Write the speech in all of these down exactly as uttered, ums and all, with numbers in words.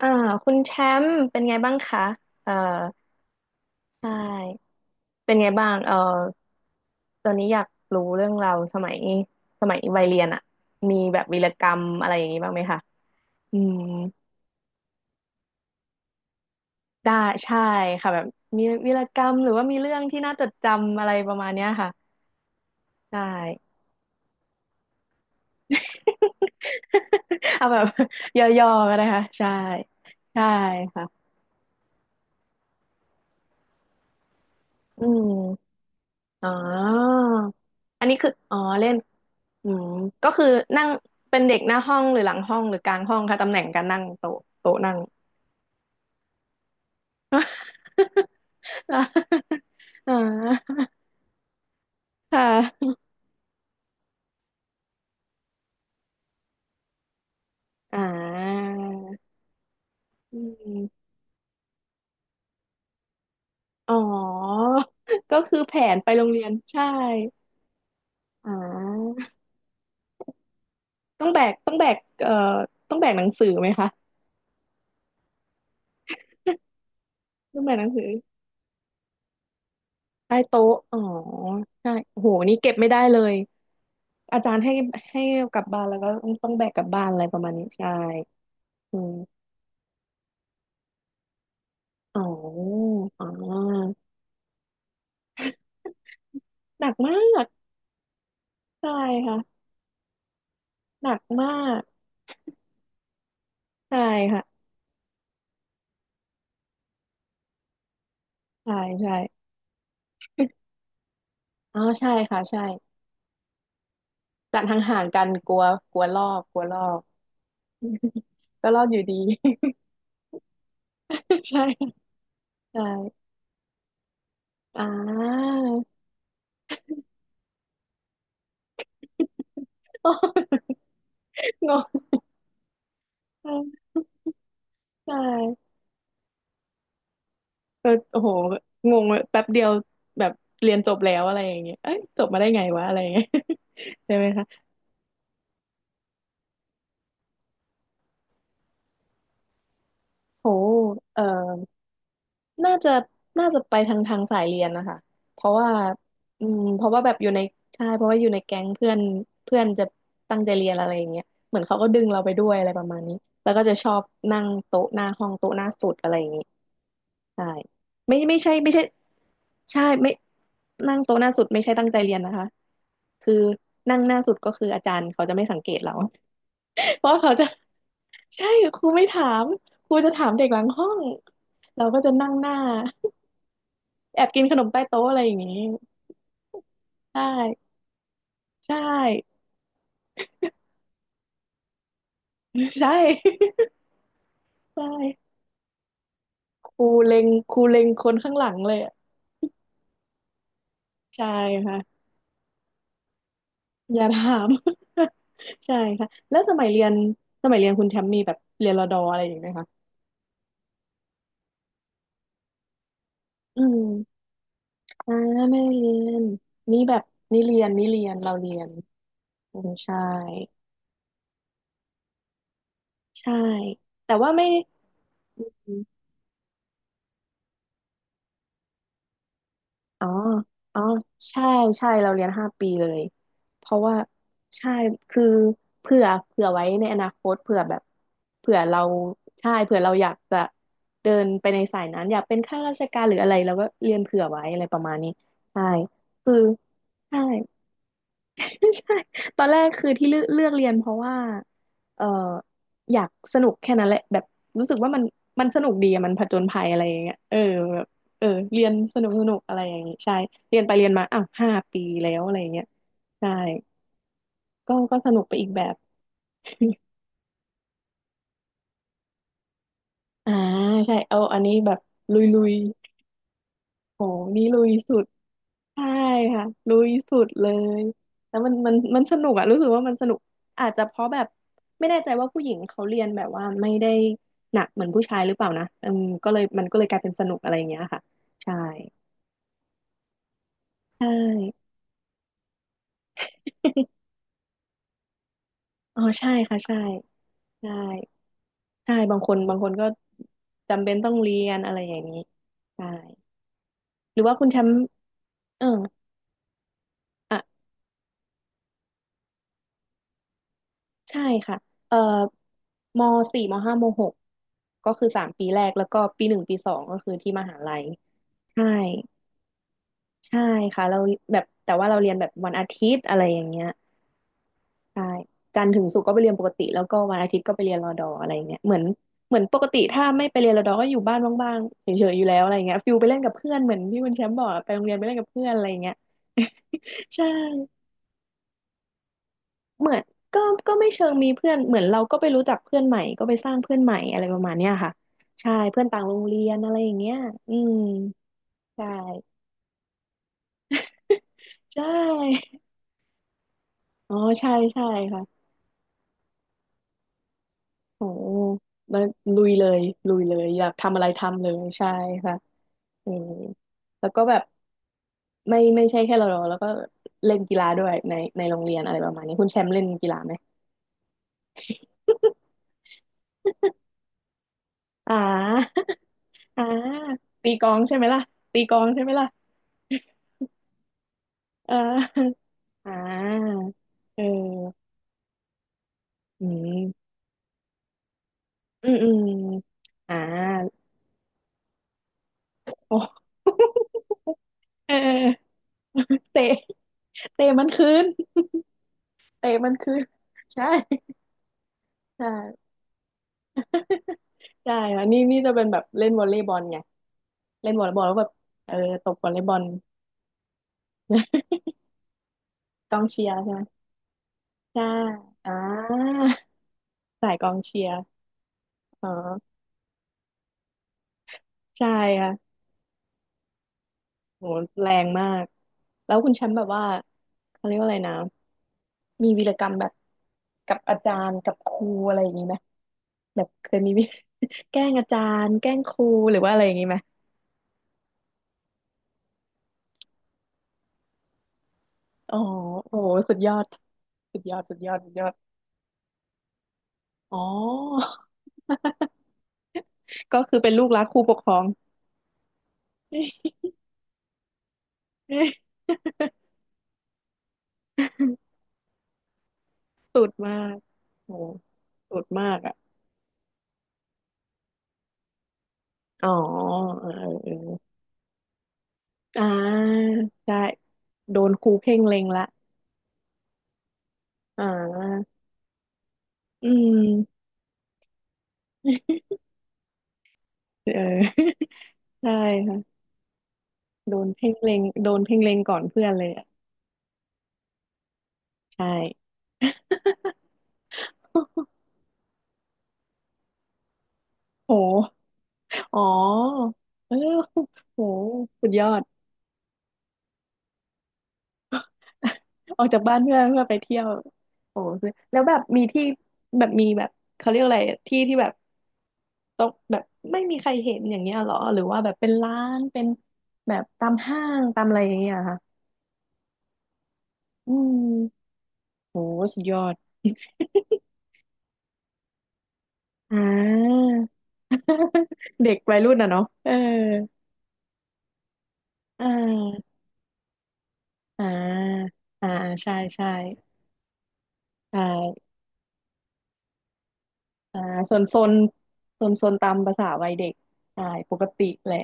อ่าคุณแชมป์เป็นไงบ้างคะเอ่อใช่เป็นไงบ้างเอ่อตอนนี้อยากรู้เรื่องเราวสมัยสมัยวัยเรียนอะมีแบบวีรกรรมอะไรอย่างนี้บ้างไหมคะอืมได้ใช่ค่ะแบบมีวีรกรรมหรือว่ามีเรื่องที่น่าจดจำอะไรประมาณเนี้ยค่ะได้ เอาแบบ ย่อๆก็ได้ค่ะใช่ใช่ค่ะอืม อ๋ออันนี้คืออ๋อเล่นอืมก็คือนั่งเป็นเด็กหน้าห้องหรือหลังห้องหรือกลางห้องคะตำแหน่งการนั่งโต๊ะโต๊ะนั่ง อ๋อค่ะอ่าอืมอ๋อก็คือแผนไปโรงเรียนใช่อ่าต้องแบกต้องแบกเอ่อต้องแบกหนังสือไหมคะต้องแบกหนังสือใต้โต๊ะอ๋อใช่โอ้โหนี่เก็บไม่ได้เลย อาจารย์ให้ให้กลับบ้านแล้วก็ต้องแบกกลับบ้านอะไรประมาณนี้ใช่อืมอ๋ออ๋อหนักมากใช่ค่ะหนักมากใช่ค่ะ ใช่ใช่อ๋อใช่ค่ะใช่จัดห่างๆกันกลัวกลัวลอกกลัวลอก ก็ลอกอยู่ดี ใช่ใช่อ่า งงใช่เออโอ้โหงงแป๊บเดียวแบบเรียนจบแล้วอะไรอย่างเงี้ยเอ้ยจบมาได้ไงวะอะไรอย่างเงี้ย ใช่ไหมคะ โหเอ่อน่าจะน่าจะไปทางทางสายเรียนนะคะเพราะว่าอืมเพราะว่าแบบอยู่ในใช่เพราะว่าอยู่ในแก๊งเพื่อนเพื่อนจะตั้งใจเรียนอะไรอย่างเงี้ยเหมือนเขาก็ดึงเราไปด้วยอะไรประมาณนี้แล้วก็จะชอบนั่งโต๊ะหน้าห้องโต๊ะหน้าสุดอะไรอย่างงี้ใช่ไม่ไม่ใช่ไม่ใช่ใช่ไม่นั่งโต๊ะหน้าสุดไม่ใช่ตั้งใจเรียนนะคะ คือนั่งหน้าสุดก็คืออาจารย์เขาจะไม่สังเกตเรา เพราะเขาจะ ใช่ครูไม่ถามครูจะถามเด็กหลังห้องเราก็จะนั่งหน้าแอบกินขนมใต้โต๊ะอะไรอย่างนี้ใช่ใช่ ใช่ ใช่ครูเล็งครูเล็งคนข้างหลังเลยอะใช่ค่ะอย่าถาม ใช่ค่ะแล้วสมัยเรียนสมัยเรียนคุณแชมป์มีแบบเรียนรอดออะไรอย่างไหมคะอืมอ่าไม่ได้เรียนนี่แบบนี่เรียนนี่เรียนเราเรียนอืมใช่ใช่แต่ว่าไม่ อ๋ออ๋อใช่ใช่ เราเรียนห้าปีเลย เพราะว่าใช่คือเผื่อเผื่อไว้ในอนาคตเผื่อแบบเผื่อเราใช่เผื่อเราอยากจะเดินไปในสายนั้น อยากเป็นข้าราชการหรืออะไรเราก็เรียนเผื่อไว้อะไรประมาณนี้ ใช่ คือใช่ ไม่ใช่ตอนแรกคือที่เลือกเลือกเรียนเพราะว่าเอออยากสนุกแค่นั้นแหละแบบรู้สึกว่ามันมันสนุกดีอะมันผจญภัยอะไรอย่างเงี้ยเออแบบเออเรียนสนุกสนุกอะไรอย่างงี้ใช่เรียนไปเรียนมาอ้าวห้าปีแล้วอะไรอย่างเงี้ยใช่ก็ก็สนุกไปอีกแบบ อ่าใช่เอาอันนี้แบบลุยลุยโหนี่ลุยสุด ใช่ค่ะลุยสุดเลยแล้วมันมันมันสนุกอะรู้สึกว่ามันสนุกอาจจะเพราะแบบไม่แน่ใจว่าผู้หญิงเขาเรียนแบบว่าไม่ได้หนักเหมือนผู้ชายหรือเปล่านะอืมก็เลยมันก็เลยกลายเป็นสนุกอะไรอย่างเงี้ยค่ะใช่ใช่ อ๋อใช่ค่ะใช่ใช่ใช่บางคนบางคนก็จำเป็นต้องเรียนอะไรอย่างนี้ใช่หรือว่าคุณแชมป์เอออ่ะ ใช่ค่ะเอ่อมสี่มห้ามหกก็คือสามปีแรกแล้วก็ปีหนึ่งปีสองก็คือที่มหาลัยใช่ใช่ค่ะเราแบบแต่ว่าเราเรียนแบบวันอาทิตย์อะไรอย่างเงี้ยใช่จันทร์ถึงศุกร์ก็ไปเรียนปกติแล้วก็วันอาทิตย์ก็ไปเรียนรอดออะไรอย่างเงี้ยเหมือนเหมือนปกติถ้าไม่ไปเรียนรอดอก็อยู่บ้านว่างๆเฉยๆอยู่แล้วอะไรอย่างเงี้ยฟิลไปเล่นกับเพื่อนเหมือนที่คุณแชมป์บอกอะไปโรงเรียนไปเล่นกับเพื่อนอะไรอย่างเงี้ย ใช่ เหมือนก็ก็ไม่เชิงมีเพื่อนเหมือนเราก็ไปรู้จักเพื่อนใหม่ก็ไปสร้างเพื่อนใหม่อะไรประมาณเนี้ยค่ะใช่เพื่อนต่างโรงเรียนอะไรอย่างเงี้ยอืมใช่ใช่อ๋อใช่ใช่ค่ะโอ้มลลุยเลยลุยเลยอยากทำอะไรทำเลยใช่ค่ะอืมแล้วก็แบบไม่ไม่ใช่แค่เราแล้วก็เล่นกีฬาด้วยในในโรงเรียนอะไรประมาณนี้คุณแชมป์เล่นกีฬาไหมอ่าอ่าตีกลองใช่ไหมล่ะตีกลองใช่ไหมล่ะอ่า อ่าเอออืมอืมอืมอ่าโอ้ เออเตะเตะมันคืนเตะมันคืนใช่ใช่ ใช่ค่ะนี่นี่จะเป็นแบบเล่นวอลเลย์บอลไงเล่นวอลเลย์บอลแล้วแบบเออตบวอลเลย์บอล กองเชียร์ใช่ไหมใช่อ่าสายกองเชียร์อ๋อใช่ค่ะโหแรงมากแล้วคุณแชมป์แบบว่าเขาเรียกว่าอะไรนะ มีวีรกรรมแบบกับอาจารย์กับครูอะไรอย่างนี้ไหมแบบเคยมีวิ แกล้งอาจารย์แกล้งครูหรือว่าอะไรอย่างนี้ไหมอ๋อโอ้โหสุดยอดสุดยอดสุดยอดสุดยอดอ๋อ ก็คือเป็นลูกรักครูปกครอง สุดมากโอ้โหสุดมากอ่ะอ๋อเออเออเอออ่าได้โดนครูเพ่งเล็งละอ่าอืม เออ ใช่ โดนเพ่งเล็งโดนเพ่งเล็งก่อนเพื่อนเลยอ่ะใช่ โหอ๋อเออโหสุดยอดออกจากบ้านเพื่อนเพื่อไปเที่ยวโอ้แล้วแบบมีที่แบบมีแบบเขาเรียกอะไรที่ที่แบบต้องแบบไม่มีใครเห็นอย่างเงี้ยเหรอหรือว่าแบบเป็นร้านเป็นแบบตามห้างตามอะไรอย่างเงี้ยเหรอค่ะอืมโหสุดยอดอ่า เด็กวัยรุ่นอ่ะเนาะเอออ่า อ่าอ่าใช่ใช่ใช่อ่าโซนโซนโซนโซนตามภาษาวัยเด็กใช่ปกติแหละ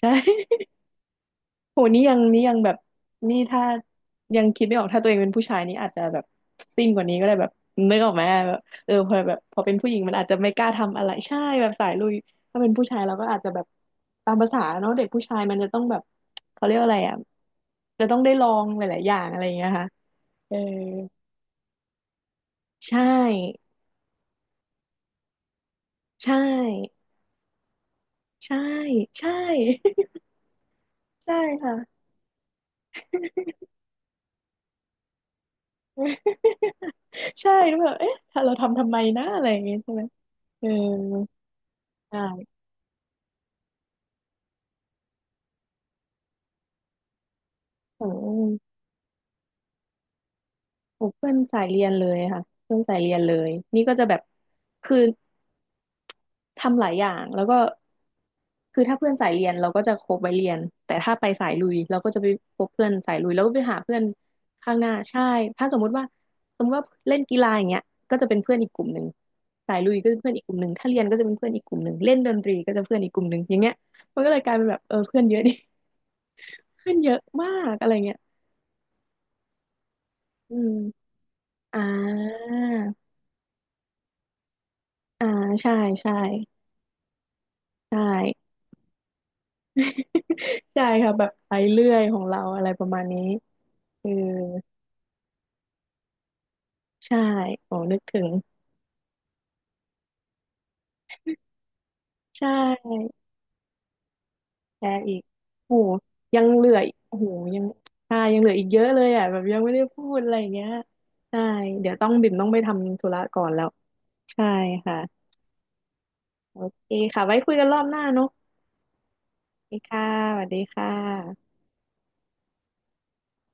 ใช่ โหนี่ยังนี่ยังแบบนี่ถ้ายังคิดไม่ออกถ้าตัวเองเป็นผู้ชายนี่อาจจะแบบซิ่งกว่านี้ก็ได้แบบนึกออกไหมแบบเออพอแบบพอเป็นผู้หญิงมันอาจจะไม่กล้าทำอะไรใช่แบบสายลุยถ้าเป็นผู้ชายเราก็อาจจะแบบตามภาษาเนาะเด็กผู้ชายมันจะต้องแบบเขาเรียกว่าอะไรอ่ะจะต้องได้ลองหลายๆอย่างอะไรอย่างเงี้ยค่ะเออใช่ใช่ ใช่ใช่ ใช่ค่ะ ใช่แล้วแบบเอ๊ะถ้าเราทำทำไมนะอะไรอย่างเงี้ยใช่ไหมเออใช่โอ้โหโอ้เพื่อนสายเรียนเลยค่ะเพื่อนสายเรียนเลยนี่ก็จะแบบคือทำหลายอย่างแล้วก็ คือถ้าเพื่อนสายเรียนเราก็จะคบไว้เรียนแต่ถ้าไปสายลุยเราก็จะไปคบเพื่อนสายลุยแล้วก็ไปหาเพื่อนข้างหน้าใช่ถ้าสมมุติว่าสมมติว่าเล่นกีฬาอย่างเงี้ยก็จะเป็นเพื่อนอีกกลุ่มหนึ่งสายลุยก็จะเป็นเพื่อนอีกกลุ่มหนึ่งถ้าเรียนก็จะเป็นเพื่อนอีกกลุ่มหนึ่งเล่นดนตรีก็จะเพื่อนอีกกลุ่มหนึ่งอย่างเงี้ยมันก็เลยกลายเป็นแบบเออเพื่อนเยอะดิ เพื่อนเยอะมากอะไรเงี้ยอืมอ่าอ่าใช่ใช่ใช่ ใช่ค่ะแบบไปเรื่อยของเราอะไรประมาณนี้เออใช่โอ้นึกถึง ใช่แชร์อีกโหยังเหลืออีกโอ้โหยังใช่ยังเหลืออีกเยอะเลยอ่ะแบบยังไม่ได้พูดอะไรอย่างเงี้ยใช่ เดี๋ยวต้องบิ่มต้องไปทำธุระก่อนแล้ว ใช่ค่ะ โอเคค่ะ ไว้คุยกันรอบหน้าเนอะโอเคค่ะสวัสดีค่ะ